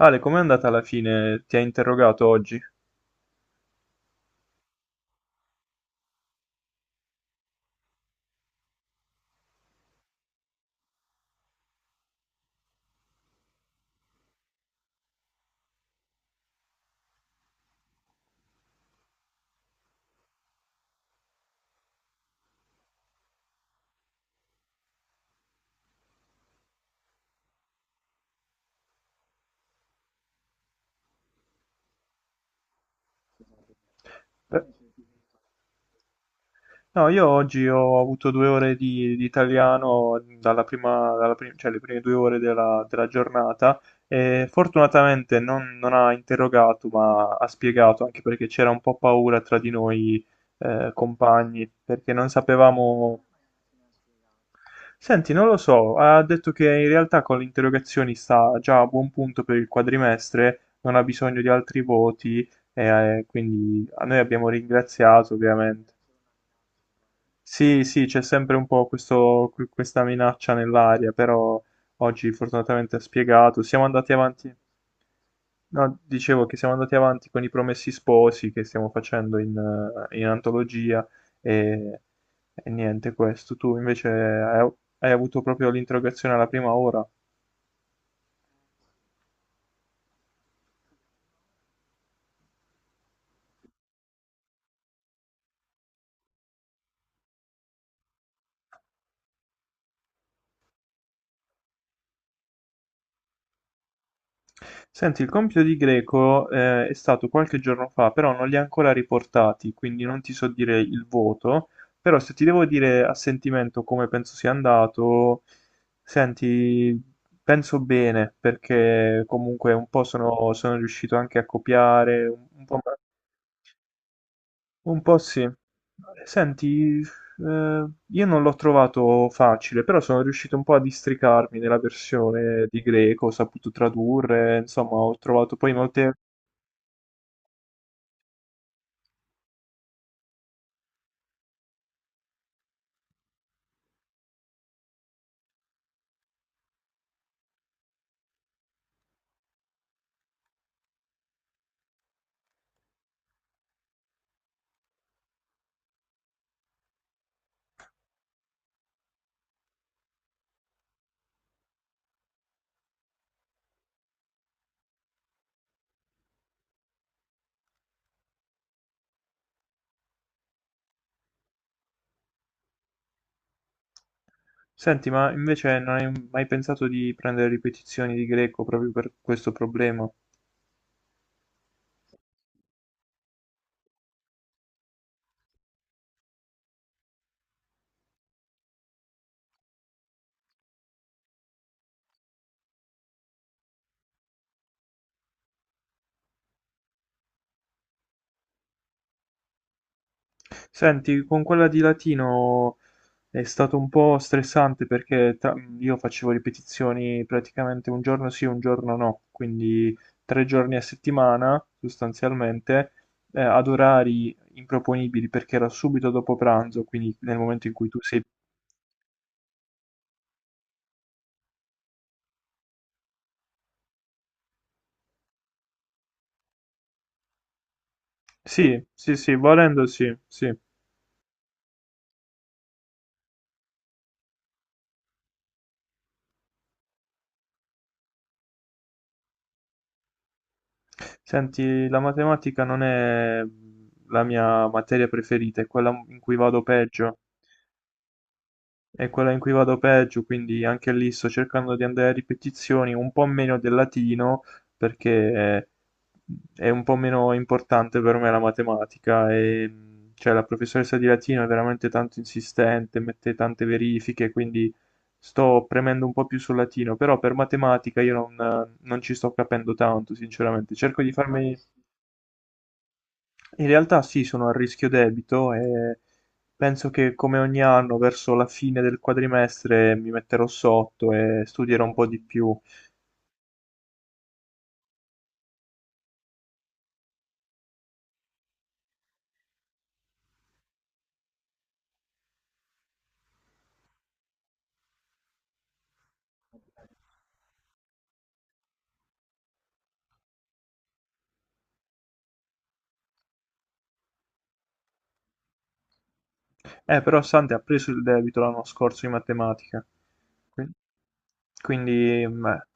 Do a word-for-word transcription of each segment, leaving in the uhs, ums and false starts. Ale, com'è andata alla fine? Ti ha interrogato oggi? Beh, no, io oggi ho avuto due ore di, di italiano dalla prima, dalla prim- cioè le prime due ore della, della giornata e fortunatamente non, non ha interrogato, ma ha spiegato, anche perché c'era un po' paura tra di noi eh, compagni, perché non sapevamo. Senti, non lo so, ha detto che in realtà con le interrogazioni sta già a buon punto per il quadrimestre, non ha bisogno di altri voti. E, eh, quindi a noi abbiamo ringraziato ovviamente. Sì, sì, c'è sempre un po' questo- que- questa minaccia nell'aria, però oggi fortunatamente ha spiegato. Siamo andati avanti. No, dicevo che siamo andati avanti con i Promessi Sposi che stiamo facendo in, eh, in antologia e, e niente questo. Tu invece hai, hai avuto proprio l'interrogazione alla prima ora. Senti, il compito di Greco, eh, è stato qualche giorno fa, però non li ha ancora riportati, quindi non ti so dire il voto, però se ti devo dire a sentimento come penso sia andato, senti, penso bene, perché comunque un po' sono, sono riuscito anche a copiare, un po'... Un po' sì. Senti, eh, io non l'ho trovato facile, però sono riuscito un po' a districarmi nella versione di greco, ho saputo tradurre, insomma, ho trovato poi molte... Senti, ma invece non hai mai pensato di prendere ripetizioni di greco proprio per questo problema? Senti, con quella di latino è stato un po' stressante perché tra- io facevo ripetizioni praticamente un giorno sì, un giorno no, quindi tre giorni a settimana sostanzialmente, eh, ad orari improponibili perché era subito dopo pranzo, quindi nel momento in cui tu sei... Sì, sì, sì, volendo sì, sì. Senti, la matematica non è la mia materia preferita, è quella in cui vado peggio. È quella in cui vado peggio, quindi anche lì sto cercando di andare a ripetizioni, un po' meno del latino, perché è un po' meno importante per me la matematica e mh, cioè, la professoressa di latino è veramente tanto insistente, mette tante verifiche, quindi sto premendo un po' più sul latino, però per matematica io non, non ci sto capendo tanto, sinceramente. Cerco di farmi, in realtà sì, sono a rischio debito e penso che come ogni anno verso la fine del quadrimestre mi metterò sotto e studierò un po' di più. Eh, però Sante ha preso il debito l'anno scorso in matematica, quindi, quindi, meh.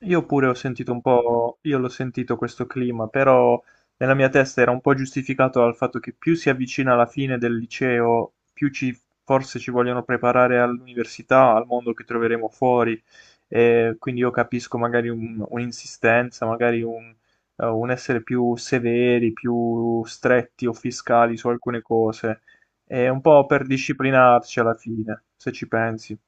Io pure ho sentito un po', io l'ho sentito questo clima, però nella mia testa era un po' giustificato dal fatto che più si avvicina alla fine del liceo, più ci, forse ci vogliono preparare all'università, al mondo che troveremo fuori. E quindi io capisco magari un- un'insistenza, magari un, eh, un essere più severi, più stretti o fiscali su alcune cose. È un po' per disciplinarci alla fine, se ci pensi.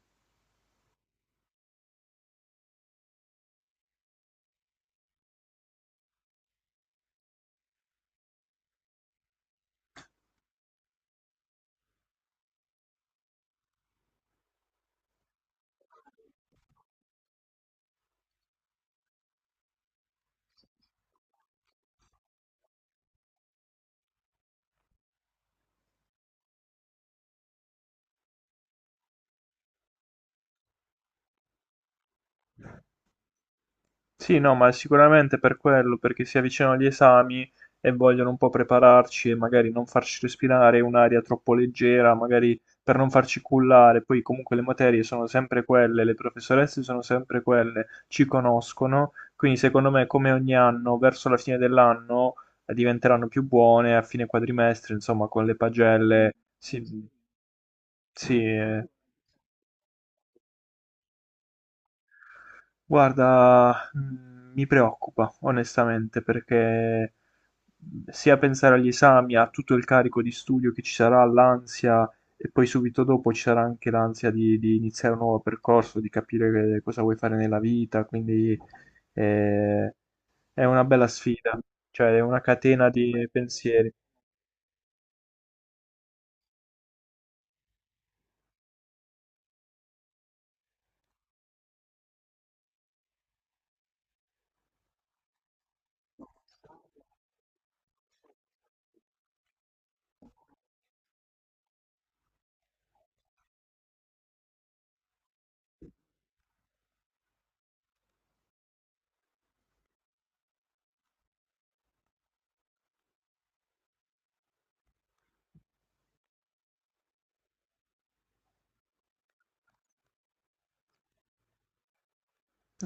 Sì, no, ma sicuramente per quello, perché si avvicinano gli esami e vogliono un po' prepararci e magari non farci respirare un'aria troppo leggera, magari per non farci cullare. Poi comunque le materie sono sempre quelle, le professoresse sono sempre quelle, ci conoscono, quindi secondo me come ogni anno, verso la fine dell'anno eh, diventeranno più buone, a fine quadrimestre, insomma, con le pagelle. Sì, sì, eh. Guarda, mh, mi preoccupa onestamente perché sia pensare agli esami, a tutto il carico di studio che ci sarà, l'ansia e poi subito dopo ci sarà anche l'ansia di, di iniziare un nuovo percorso, di capire che- cosa vuoi fare nella vita, quindi eh, è una bella sfida, cioè è una catena di pensieri.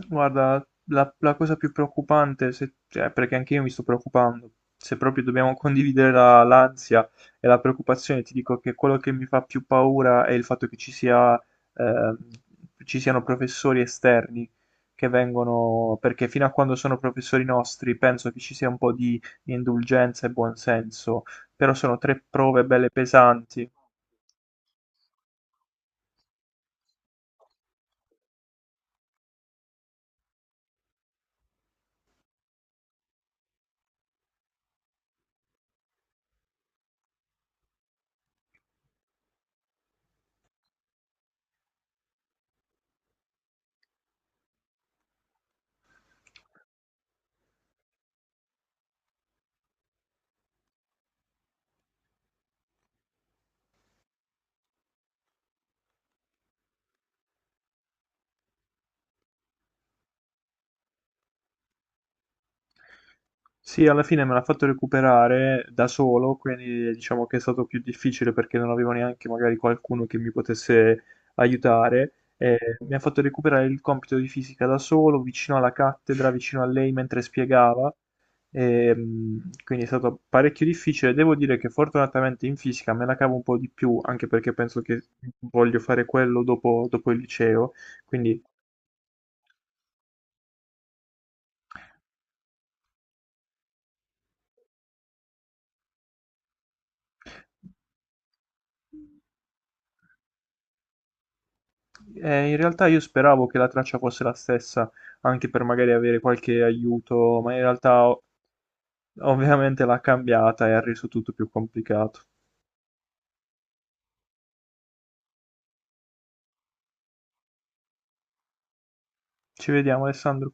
Guarda, la, la cosa più preoccupante, se- cioè, perché anche io mi sto preoccupando, se proprio dobbiamo condividere la- l'ansia e la preoccupazione, ti dico che quello che mi fa più paura è il fatto che ci sia, ehm, ci siano professori esterni che vengono, perché fino a quando sono professori nostri penso che ci sia un po' di indulgenza e buonsenso, però sono tre prove belle pesanti. Sì, alla fine me l'ha fatto recuperare da solo, quindi diciamo che è stato più difficile perché non avevo neanche magari qualcuno che mi potesse aiutare. Eh, mi ha fatto recuperare il compito di fisica da solo, vicino alla cattedra, vicino a lei mentre spiegava. Ehm, quindi è stato parecchio difficile. Devo dire che fortunatamente in fisica me la cavo un po' di più, anche perché penso che voglio fare quello dopo, dopo il liceo. Quindi. Eh, in realtà io speravo che la traccia fosse la stessa, anche per magari avere qualche aiuto, ma in realtà o- ovviamente l'ha cambiata e ha reso tutto più complicato. Ci vediamo, Alessandro.